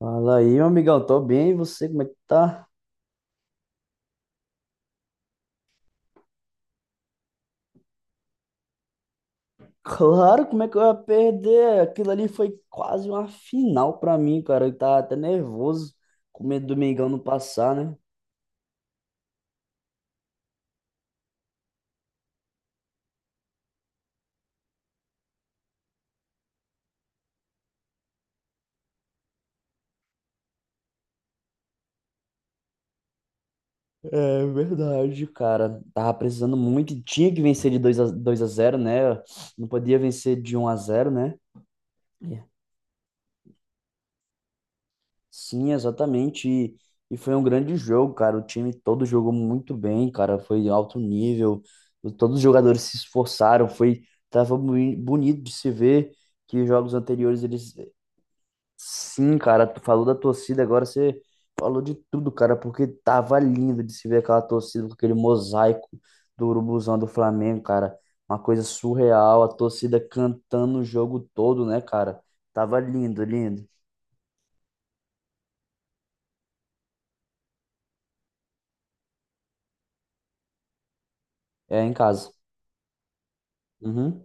Fala aí, meu amigão, tô bem, e você, como é que tá? Claro, como é que eu ia perder? Aquilo ali foi quase uma final pra mim, cara. Eu tava até nervoso, com medo do Mengão não passar, né? É verdade, cara. Tava precisando muito, e tinha que vencer de dois a zero né? Não podia vencer de um a zero né? Sim, exatamente. E foi um grande jogo, cara. O time todo jogou muito bem, cara. Foi alto nível. Todos os jogadores se esforçaram. Foi, tava bonito de se ver que jogos anteriores eles. Sim, cara. Tu falou da torcida, agora você falou de tudo, cara. Porque tava lindo de se ver aquela torcida com aquele mosaico do Urubuzão do Flamengo, cara. Uma coisa surreal. A torcida cantando o jogo todo, né, cara? Tava lindo, lindo. É em casa. Uhum.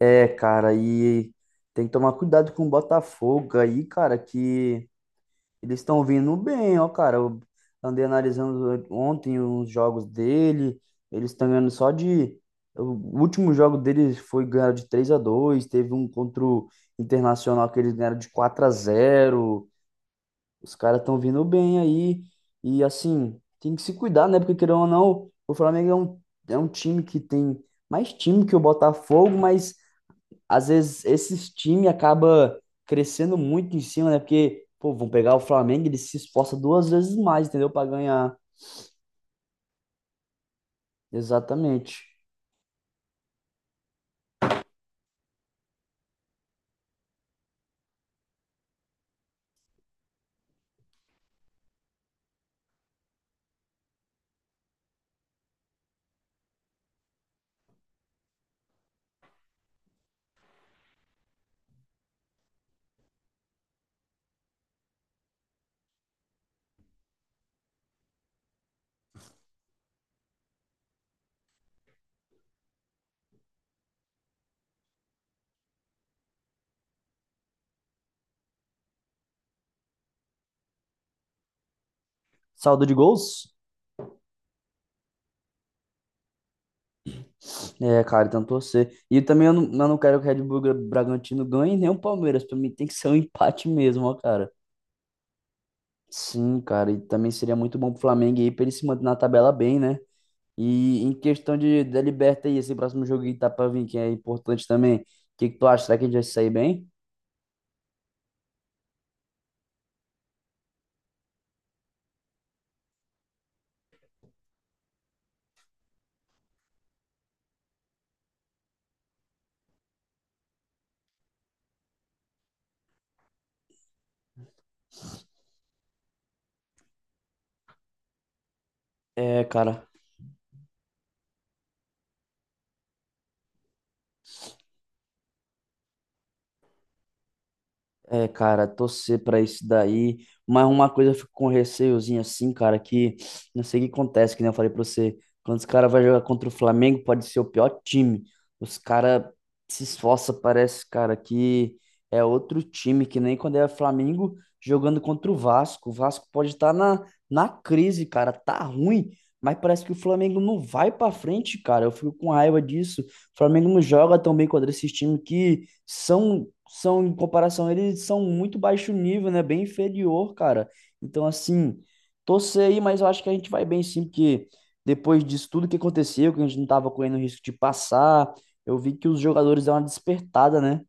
É, cara, e tem que tomar cuidado com o Botafogo aí, cara, que eles estão vindo bem, ó, cara. Eu andei analisando ontem os jogos dele, eles estão ganhando só de. O último jogo deles foi ganhar de 3 a 2 teve um contra o Internacional que eles ganharam de 4 a zero. Os caras estão vindo bem aí, e assim, tem que se cuidar, né? Porque querendo ou não, o Flamengo é um time que tem mais time que o Botafogo, mas às vezes esses times acaba crescendo muito em cima, né? Porque, pô, vão pegar o Flamengo, ele se esforça duas vezes mais, entendeu? Pra ganhar. Exatamente. Saldo de gols? É, cara, então torcer. E também eu não quero que o Red Bull Bragantino ganhe nem o Palmeiras. Pra mim tem que ser um empate mesmo, ó, cara. Sim, cara. E também seria muito bom pro Flamengo aí pra ele se manter na tabela bem, né? E em questão de da Liberta aí, esse próximo jogo que tá pra vir, que é importante também. O que que tu acha? Será que a gente vai sair bem? É, cara. É, cara, torcer pra isso daí. Mas uma coisa eu fico com receiozinho assim, cara, que não sei o que acontece, que nem eu falei pra você. Quando os caras vão jogar contra o Flamengo, pode ser o pior time. Os caras se esforçam, parece, cara, que é outro time, que nem quando é Flamengo jogando contra o Vasco. O Vasco pode estar na crise, cara, tá ruim, mas parece que o Flamengo não vai pra frente, cara. Eu fico com raiva disso. O Flamengo não joga tão bem contra esses times que são em comparação, eles são muito baixo nível, né? Bem inferior, cara. Então, assim, torcer aí, mas eu acho que a gente vai bem sim, porque depois disso tudo que aconteceu, que a gente não tava correndo risco de passar, eu vi que os jogadores deram uma despertada, né?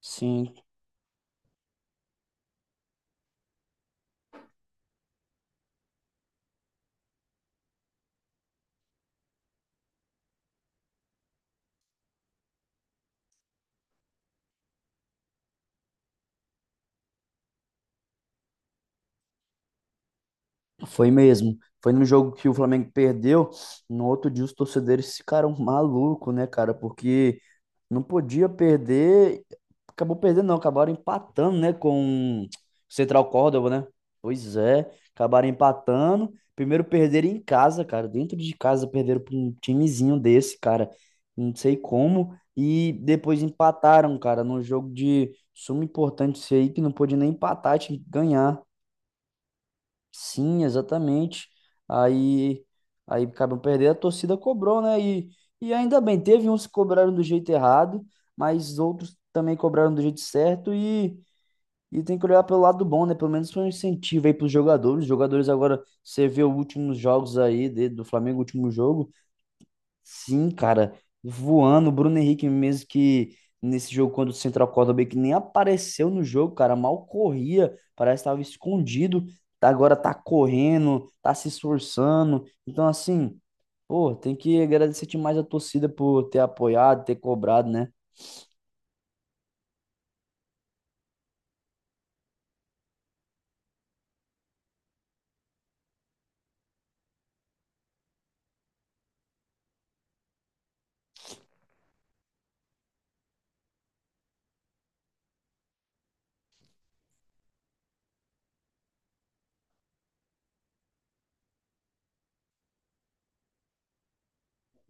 Sim, foi mesmo. Foi no jogo que o Flamengo perdeu. No outro dia, os torcedores ficaram malucos, né, cara? Porque não podia perder. Acabou perdendo, não. Acabaram empatando, né? Com o Central Córdoba, né? Pois é. Acabaram empatando. Primeiro perderam em casa, cara. Dentro de casa perderam para um timezinho desse, cara. Não sei como. E depois empataram, cara, num jogo de suma importância aí que não podia nem empatar, tinha que ganhar. Sim, exatamente. Aí, aí acabam perdendo, a torcida cobrou, né? E ainda bem, teve uns que cobraram do jeito errado, mas outros também cobraram do jeito certo e tem que olhar pelo lado bom, né? Pelo menos foi um incentivo aí para os jogadores. Os jogadores agora, você vê os últimos jogos aí de- do Flamengo, o último jogo. Sim, cara, voando, o Bruno Henrique mesmo que nesse jogo quando o Central Córdoba que nem apareceu no jogo, cara, mal corria, parece que estava escondido, tá- agora tá correndo, tá se esforçando. Então assim, pô, tem que agradecer demais a torcida por ter apoiado, ter cobrado, né?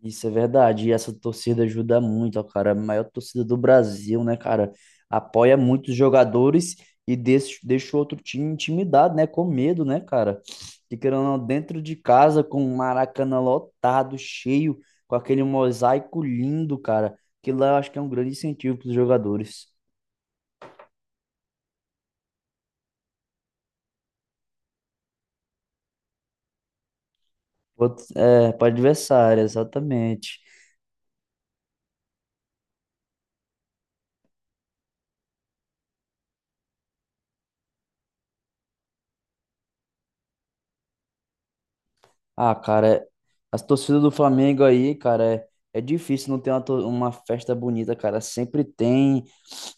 Isso é verdade. E essa torcida ajuda muito, ó, cara. A maior torcida do Brasil, né, cara? Apoia muitos jogadores e deixa o outro time intimidado, né? Com medo, né, cara? E querendo ou não, dentro de casa, com o Maracanã lotado, cheio, com aquele mosaico lindo, cara. Que lá eu acho que é um grande incentivo para os jogadores. Outros- É, para adversário, exatamente. Ah, cara, é- as torcidas do Flamengo aí, cara, é difícil não ter uma, to- uma festa bonita, cara. Sempre tem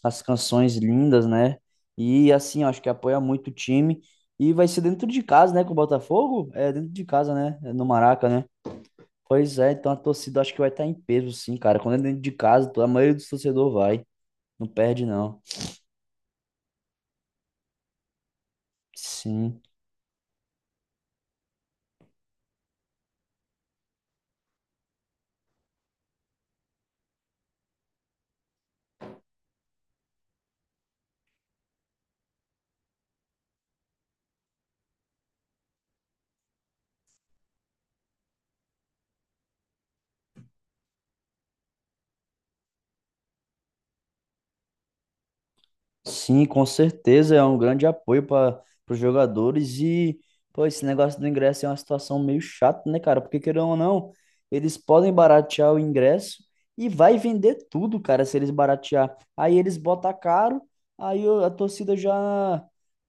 as canções lindas, né? E assim, eu acho que apoia muito o time. E vai ser dentro de casa, né? Com o Botafogo? É dentro de casa, né? É no Maraca, né? Pois é, então a torcida acho que vai estar em peso, sim, cara. Quando é dentro de casa, a maioria dos torcedores vai. Não perde, não. Sim. Sim, com certeza é um grande apoio para os jogadores e pô, esse negócio do ingresso é uma situação meio chata, né, cara? Porque querendo ou não, eles podem baratear o ingresso e vai vender tudo, cara, se eles baratear. Aí eles botam caro, aí o- a torcida já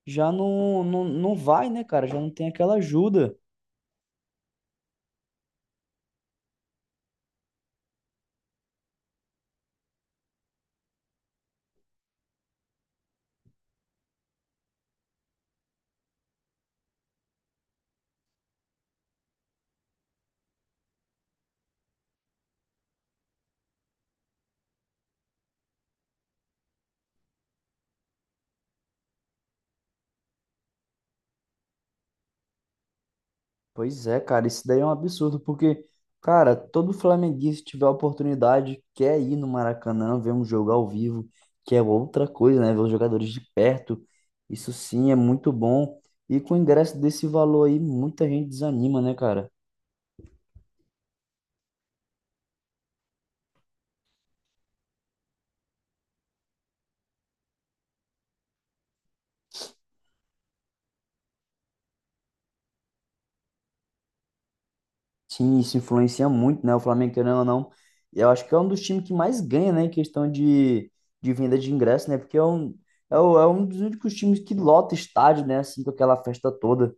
já não vai, né, cara? Já não tem aquela ajuda. Pois é, cara, isso daí é um absurdo, porque, cara, todo flamenguista que tiver a oportunidade quer ir no Maracanã ver um jogo ao vivo, que é outra coisa, né? Ver os jogadores de perto, isso sim é muito bom. E com o ingresso desse valor aí, muita gente desanima, né, cara? Sim, isso influencia muito, né? O Flamengo, querendo ou não, eu acho que é um dos times que mais ganha, né, em questão de venda de ingresso, né? Porque é um, é, o- é um dos únicos times que lota estádio, né, assim, com aquela festa toda.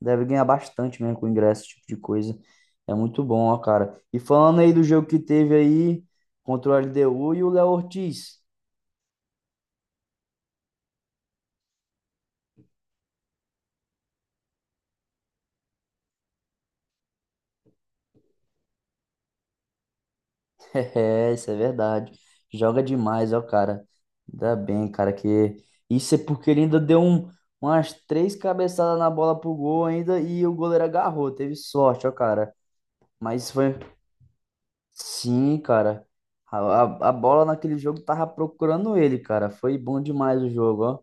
Deve ganhar bastante mesmo com ingresso, esse tipo de coisa. É muito bom, ó, cara. E falando aí do jogo que teve aí contra o LDU e o Léo Ortiz. É, isso é verdade. Joga demais, ó, cara. Ainda bem, cara, que... Isso é porque ele ainda deu um, umas três cabeçadas na bola pro gol ainda e o goleiro agarrou. Teve sorte, ó, cara. Mas foi... Sim, cara. A bola naquele jogo tava procurando ele, cara. Foi bom demais o jogo, ó.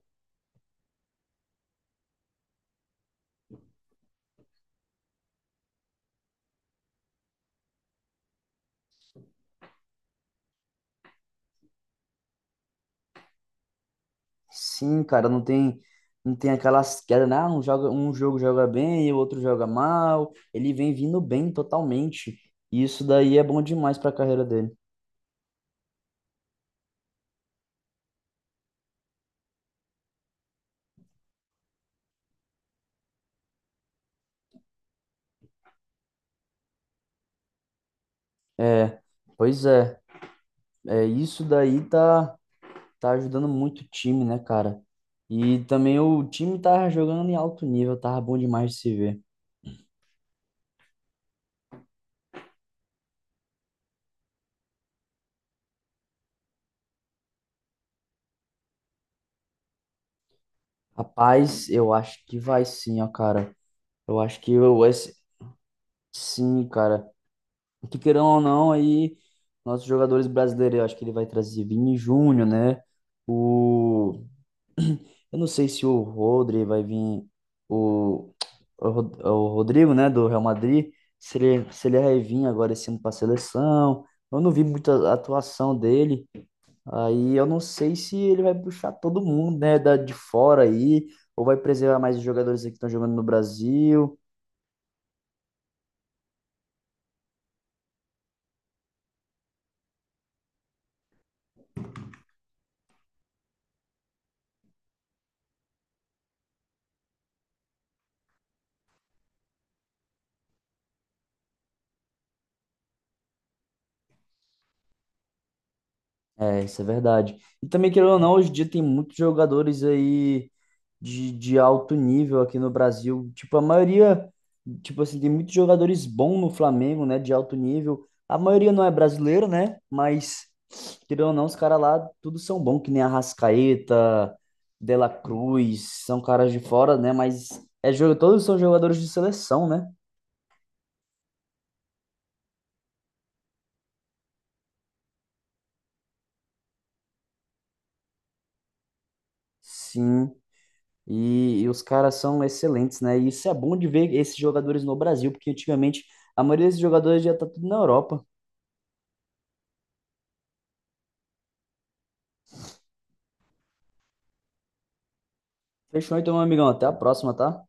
Sim, cara, não tem aquelas quedas, né? Ah, um joga, um jogo joga bem e o outro joga mal. Ele vem vindo bem totalmente. E isso daí é bom demais para a carreira dele. É, pois é, é isso daí tá ajudando muito o time, né, cara? E também o time tá jogando em alto nível, tava bom demais de se ver. Rapaz, eu acho que vai sim, ó, cara. Eu acho que eu, esse, sim, cara. Que queiram ou não, aí nossos jogadores brasileiros, eu acho que ele vai trazer Vini Júnior, né? O eu não sei se o Rodri vai vir o o Rodrigo, né, do Real Madrid, se ele se ele vai vir agora esse ano para a seleção. Eu não vi muita atuação dele. Aí eu não sei se ele vai puxar todo mundo, né, da de fora aí, ou vai preservar mais os jogadores aqui que estão jogando no Brasil. É, isso é verdade. E também, querendo ou não, hoje em dia tem muitos jogadores aí de alto nível aqui no Brasil. Tipo, a maioria, tipo assim, tem muitos jogadores bons no Flamengo, né, de alto nível. A maioria não é brasileiro, né, mas, querendo ou não, os caras lá tudo são bons, que nem Arrascaeta, De La Cruz, são caras de fora, né, mas é jogo, todos são jogadores de seleção, né? Sim. E os caras são excelentes, né? E isso é bom de ver esses jogadores no Brasil, porque antigamente a maioria desses jogadores já tá tudo na Europa. Fechou então, meu amigão. Até a próxima, tá?